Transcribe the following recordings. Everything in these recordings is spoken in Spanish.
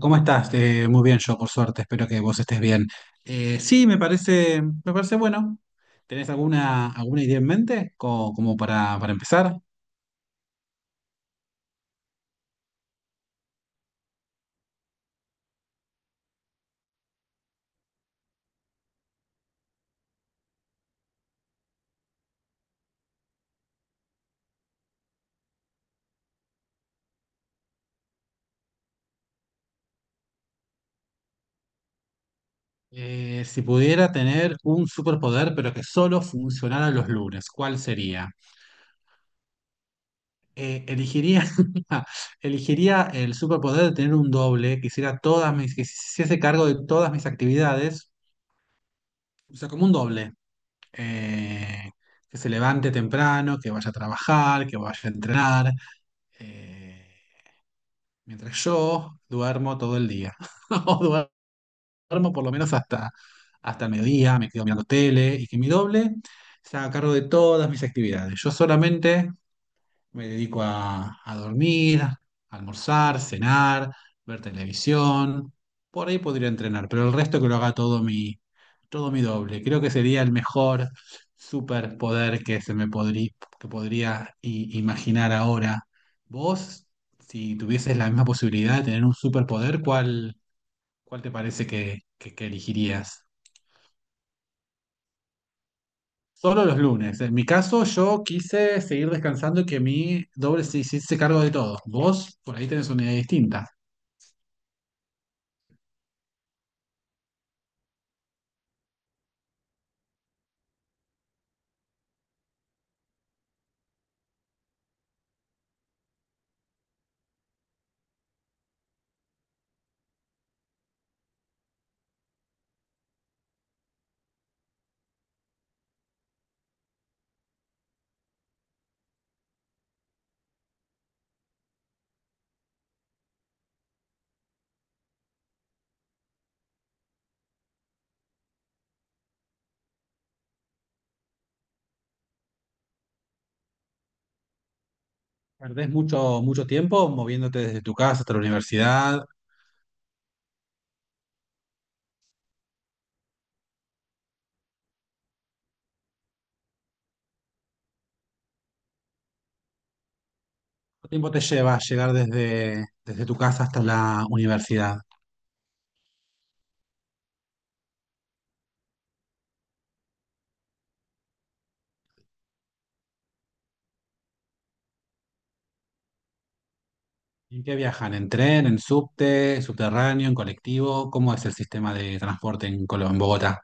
¿Cómo estás? Muy bien, yo por suerte, espero que vos estés bien. Sí, me parece bueno. ¿Tenés alguna idea en mente, como para empezar? Si pudiera tener un superpoder, pero que solo funcionara los lunes, ¿cuál sería? Elegiría, elegiría el superpoder de tener un doble que hiciera que se hiciese cargo de todas mis actividades, o sea, como un doble. Eh, que se levante temprano, que vaya a trabajar, que vaya a entrenar, eh, mientras yo duermo todo el día, o duermo por lo menos hasta el mediodía, me quedo mirando tele y que mi doble se haga cargo de todas mis actividades. Yo solamente me dedico a dormir, a almorzar, cenar, ver televisión. Por ahí podría entrenar, pero el resto que lo haga todo mi doble. Creo que sería el mejor superpoder que que podría imaginar ahora. Vos, si tuvieses la misma posibilidad de tener un superpoder, ¿cuál te parece que elegirías? Solo los lunes. En mi caso, yo quise seguir descansando y que mi doble se hiciese cargo de todo. Vos, por ahí tenés una idea distinta. Perdés mucho, mucho tiempo moviéndote desde tu casa hasta la universidad. ¿Cuánto tiempo te lleva llegar desde tu casa hasta la universidad? ¿En qué viajan? ¿En tren, en subte, subterráneo, en colectivo? ¿Cómo es el sistema de transporte en en Bogotá?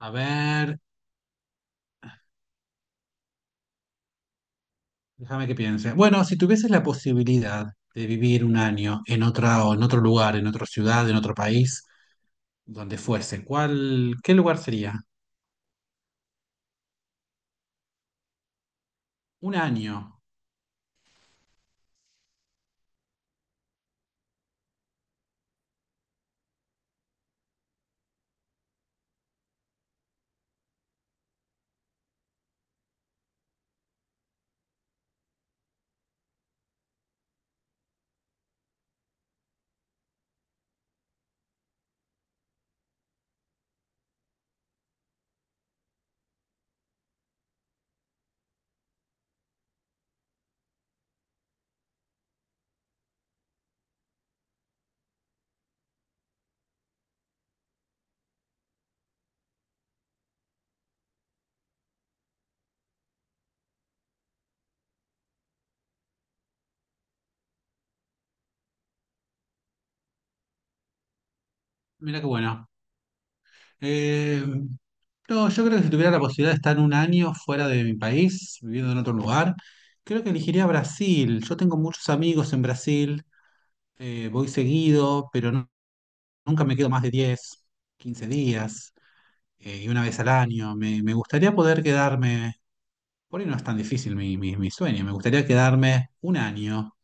A ver, déjame que piense. Bueno, si tuvieses la posibilidad de vivir un año en otra, o en otro lugar, en otra ciudad, en otro país, donde fuese. ¿Cuál, qué lugar sería? Un año. Mira qué bueno. Eh, no, yo creo que si tuviera la posibilidad de estar un año fuera de mi país, viviendo en otro lugar, creo que elegiría Brasil. Yo tengo muchos amigos en Brasil, voy seguido, pero nunca me quedo más de 10 15 días, y una vez al año. Me gustaría poder quedarme, por ahí no es tan difícil mi sueño, me gustaría quedarme un año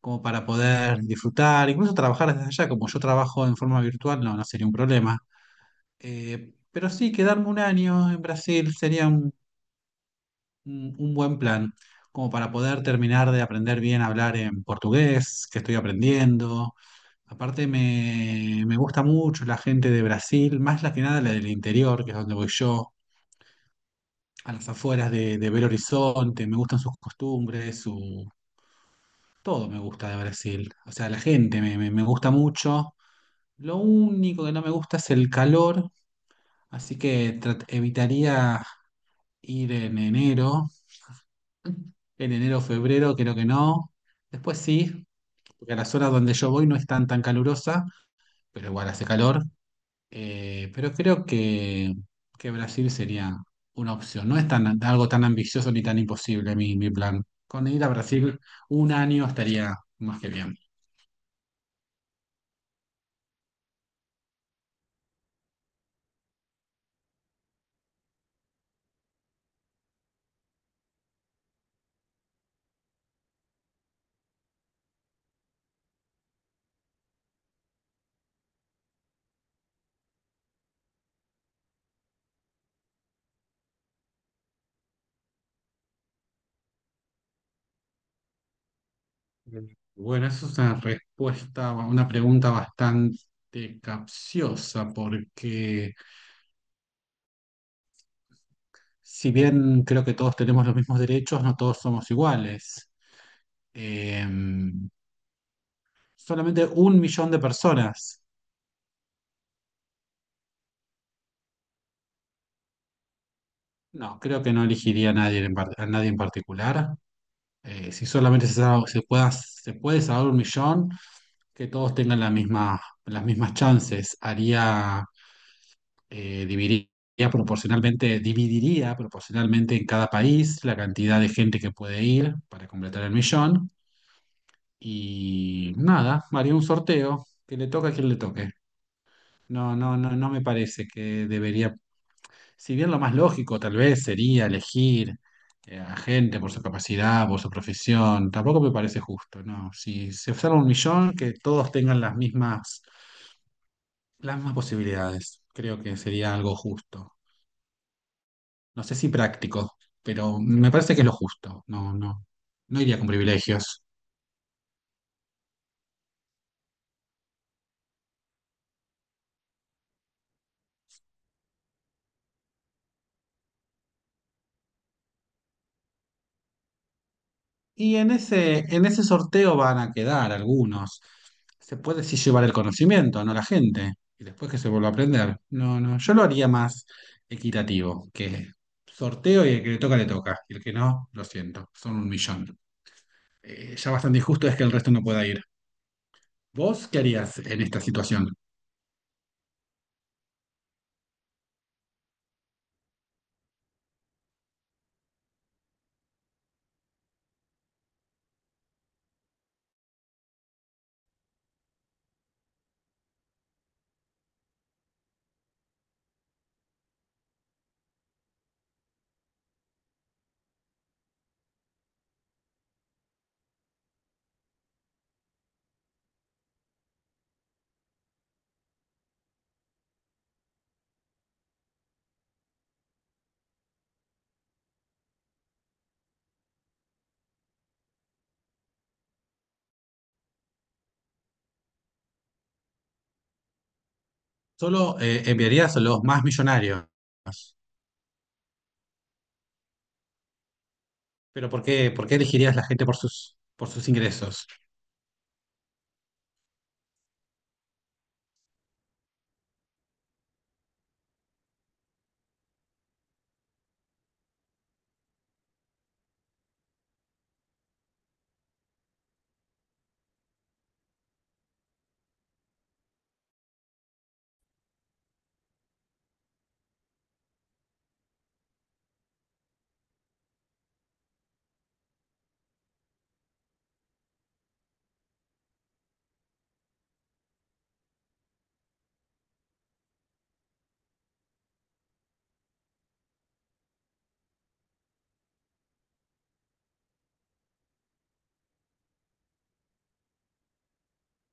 como para poder disfrutar, incluso trabajar desde allá, como yo trabajo en forma virtual, no, no sería un problema. Pero sí, quedarme un año en Brasil sería un buen plan, como para poder terminar de aprender bien a hablar en portugués, que estoy aprendiendo. Aparte me gusta mucho la gente de Brasil, más la que nada la del interior, que es donde voy yo, a las afueras de Belo Horizonte, me gustan sus costumbres, su... Todo me gusta de Brasil, o sea, la gente me gusta mucho. Lo único que no me gusta es el calor, así que evitaría ir en enero, o febrero, creo que no. Después sí, porque a las horas donde yo voy no están tan tan calurosa, pero igual hace calor. Pero creo que Brasil sería una opción. No es algo tan ambicioso ni tan imposible mi plan. Con ir a Brasil un año estaría más que bien. Bueno, eso es una respuesta, una pregunta bastante capciosa, porque si bien creo que todos tenemos los mismos derechos, no todos somos iguales. Eh, Solamente 1 millón de personas. No, creo que no elegiría a nadie a nadie en particular. Si solamente se puede salvar 1 millón, que todos tengan las mismas chances. Haría, eh, dividiría dividiría proporcionalmente en cada país la cantidad de gente que puede ir para completar el millón. Y nada, haría un sorteo, que le toque a quien le toque. No, no, no, no me parece que debería, si bien lo más lógico tal vez sería elegir, a gente por su capacidad, por su profesión, tampoco me parece justo, no. Si se observa 1 millón, que todos tengan las mismas posibilidades. Creo que sería algo justo. No sé si práctico, pero me parece que es lo justo. No, no, no iría con privilegios. Y en ese sorteo van a quedar algunos. Se puede sí llevar el conocimiento, no la gente, y después que se vuelva a aprender. No, no, yo lo haría más equitativo, que sorteo y el que le toca, le toca. Y el que no, lo siento, son 1 millón. Ya bastante injusto es que el resto no pueda ir. ¿Vos qué harías en esta situación? ¿Solo enviarías a los más millonarios? Pero ¿por qué elegirías la gente por sus ingresos?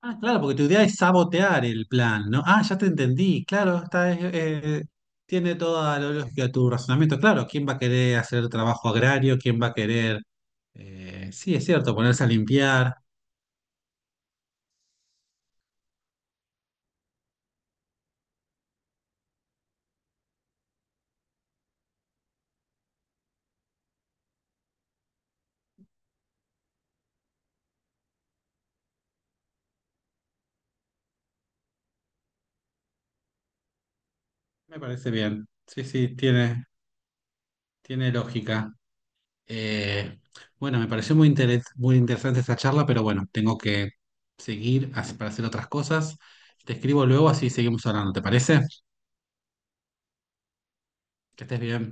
Ah, claro, porque tu idea es sabotear el plan, ¿no? Ah, ya te entendí, claro, eh, tiene toda la lógica tu razonamiento. Claro, ¿quién va a querer hacer trabajo agrario? ¿Quién va a querer, sí, es cierto, ponerse a limpiar? Me parece bien, sí, sí, tiene lógica. Eh, bueno, me pareció muy interesante esta charla, pero bueno, tengo que seguir para hacer otras cosas. Te escribo luego, así seguimos hablando, ¿te parece? Que estés bien.